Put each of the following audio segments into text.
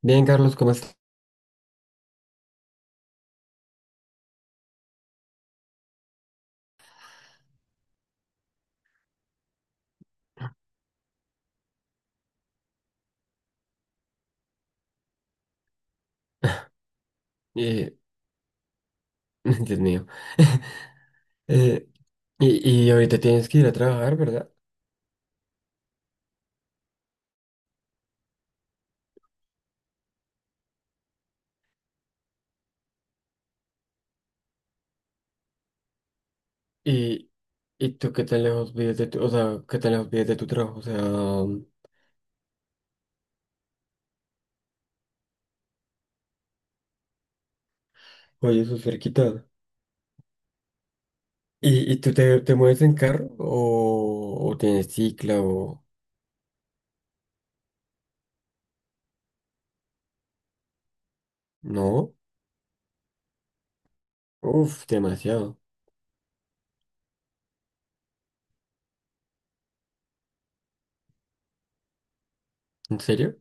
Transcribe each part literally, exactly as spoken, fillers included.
Bien, Carlos, ¿cómo estás? Eh, Dios mío. Eh, y, y ahorita tienes que ir a trabajar, ¿verdad? Y, y tú, ¿qué tan lejos vives de tu, o sea, qué tan lejos vives de tu trabajo? O sea, oye, eso es cerquita. ¿Y, y tú te, te mueves en carro o, o tienes cicla o no? Uf, demasiado. ¿En serio?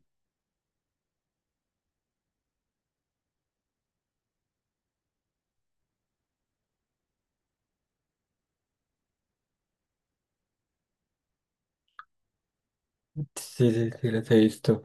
Sí, sí, sí, las he visto.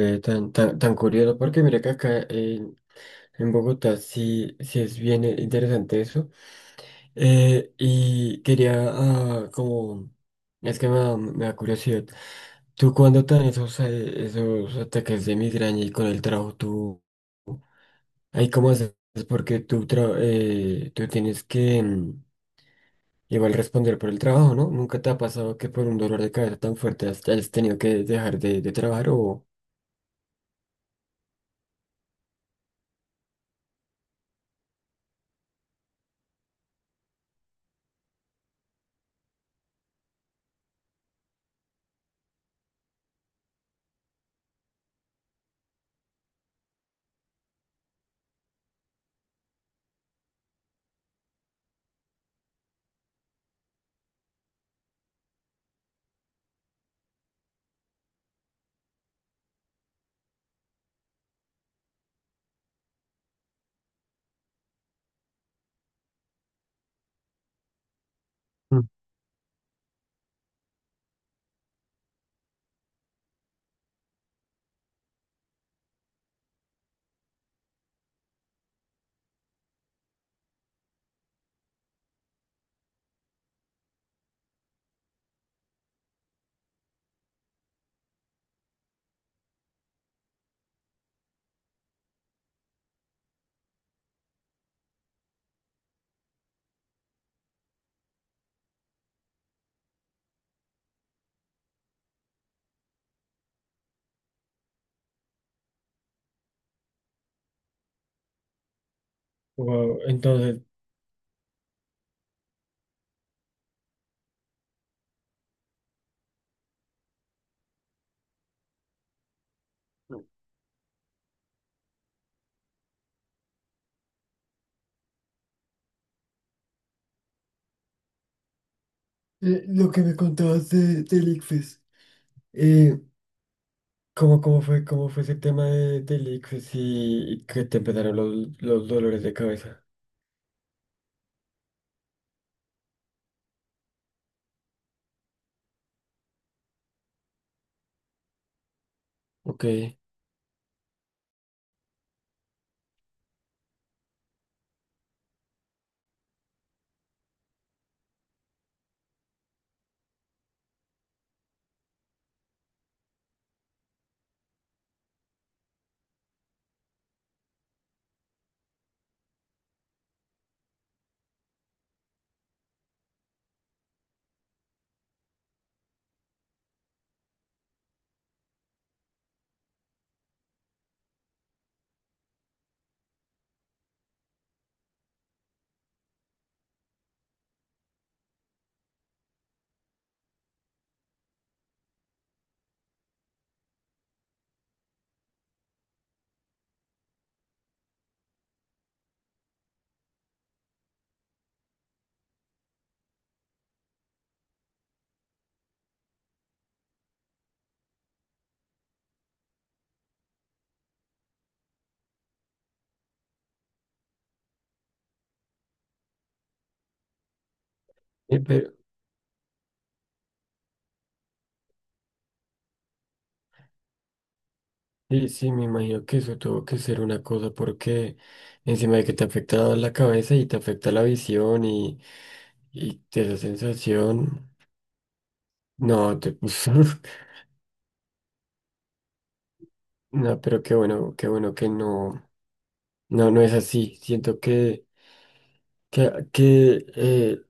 Eh, tan, tan, tan curioso, porque mira que acá en, en Bogotá sí, sí es bien eh, interesante eso. Eh, y quería, ah, como, es que me da, me da curiosidad. ¿Tú cuando te dan esos, eh, esos ataques de migraña y con el trabajo, tú, ahí cómo haces? Porque tú, tra- eh, tú tienes que mm, igual responder por el trabajo, ¿no? ¿Nunca te ha pasado que por un dolor de cabeza tan fuerte has, has tenido que dejar de, de trabajar o... Mm. Wow, entonces, eh, lo que me contabas de, del I C F E S. ¿Cómo, cómo fue, cómo fue ese tema de, del Ictus y, y que te empezaron los, los dolores de cabeza? Ok, eh, pero sí, sí, me imagino que eso tuvo que ser una cosa porque encima de que te afecta la cabeza y te afecta la visión y, y te da sensación, no, te puso, no, pero qué bueno, qué bueno que no, no, no es así. Siento que, que, que eh,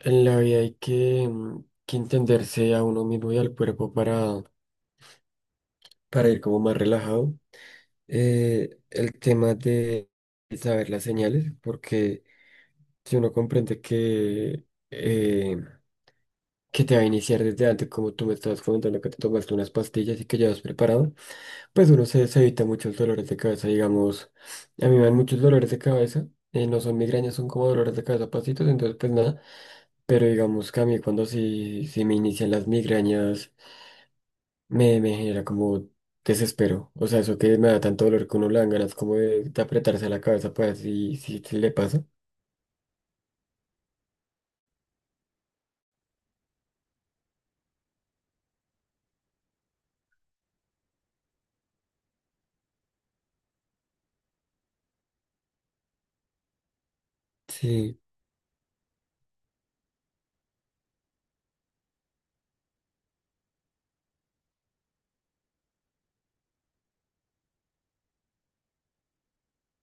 en la vida hay que, mm, que entenderse a uno mismo y al cuerpo para para ir como más relajado. Eh, el tema de saber las señales, porque si uno comprende que, eh, que te va a iniciar desde antes, como tú me estabas comentando que te tomaste unas pastillas y que ya vas preparado, pues uno se, se evita muchos dolores de cabeza, digamos, a mí me dan muchos dolores de cabeza. Eh, no son migrañas, son como dolores de cabeza, pasitos, entonces pues nada, pero digamos que a mí cuando sí, sí me inician las migrañas, me, me genera como desespero. O sea, eso que me da tanto dolor que uno le dan ganas como de, de apretarse la cabeza para ver si, si, si le pasa. Sí,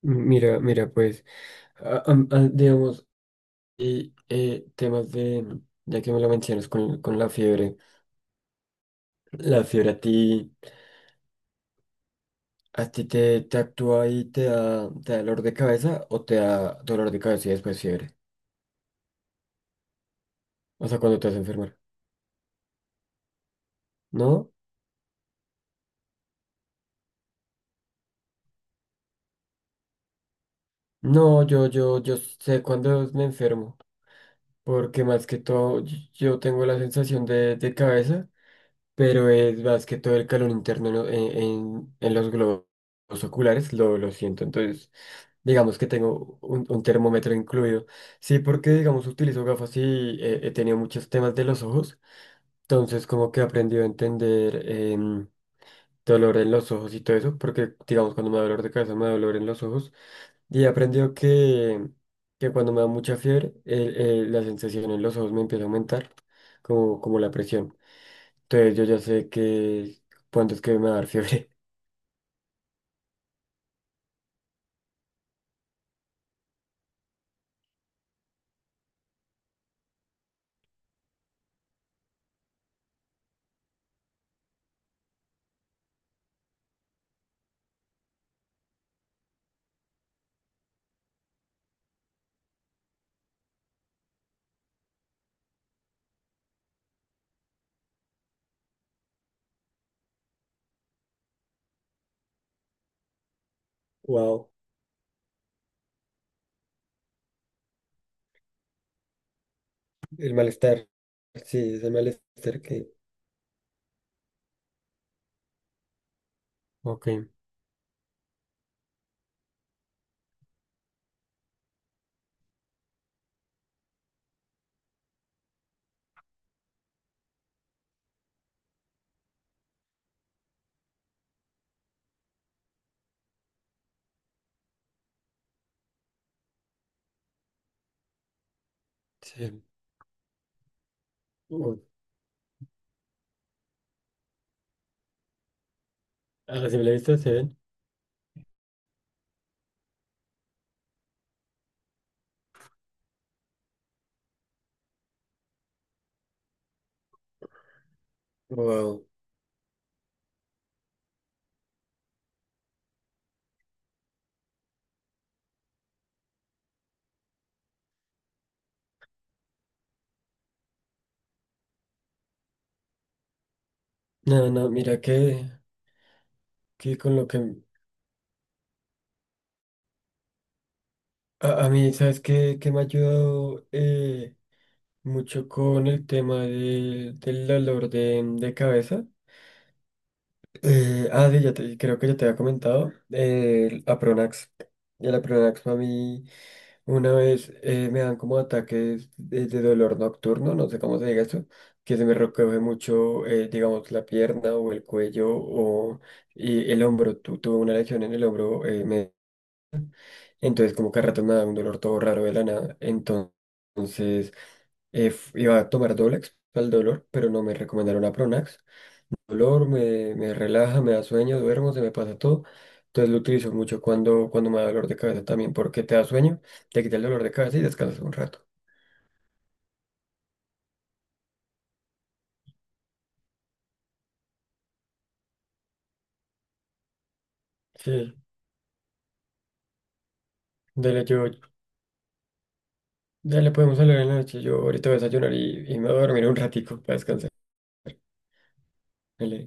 mira, mira, pues, a- a- a- digamos, y eh, temas de, ya que me lo mencionas con, con la fiebre, ¿la fiebre a ti, a ti te, te actúa y te da, te da dolor de cabeza o te da dolor de cabeza y después fiebre? O sea, cuando te vas a enfermar. ¿No? No, yo, yo, yo sé cuando me enfermo. Porque más que todo y- yo tengo la sensación de, de cabeza, pero es más que todo el calor interno en, lo- en- en- en los globos oculares, lo, lo siento. Entonces, digamos que tengo un, un termómetro incluido. Sí, porque digamos utilizo gafas y eh, he tenido muchos temas de los ojos, entonces como que he aprendido a entender em, dolor en los ojos y todo eso, porque digamos cuando me da dolor de cabeza me da dolor en los ojos. Y aprendió que, que cuando me da mucha fiebre, el- el- la sensación en los ojos me empieza a aumentar, como, como la presión. Entonces yo ya sé que cuándo es que me va a dar fiebre. Wow, el malestar. Sí, ese malestar que... Ok, sí. Uh, a simple vista se ven. Wow. No, no, mira que, que con lo que... A, a mí, ¿sabes qué, qué me ha ayudado eh, mucho con el tema del del dolor de, de cabeza? Eh, ah, sí, ya te, creo que ya te había comentado eh, el Apronax. Y el Apronax a mí una vez eh, me dan como ataques de, de dolor nocturno, no sé cómo se diga eso, que se me recoge mucho, eh, digamos, la pierna o el cuello o y el hombro. Tu, tuve una lesión en el hombro, eh, me- entonces como que a ratos me da un dolor todo raro de la nada. Entonces eh, f- iba a tomar Dolex para el dolor, pero no me recomendaron Apronax dolor, me, me relaja, me da sueño, duermo, se me pasa todo. Entonces lo utilizo mucho cuando, cuando me da dolor de cabeza también, porque te da sueño, te quita el dolor de cabeza y descansas un rato. Sí, dale, yo, dale, podemos hablar en la noche. Yo ahorita voy a desayunar y, y me voy a dormir un ratico para descansar. Dale.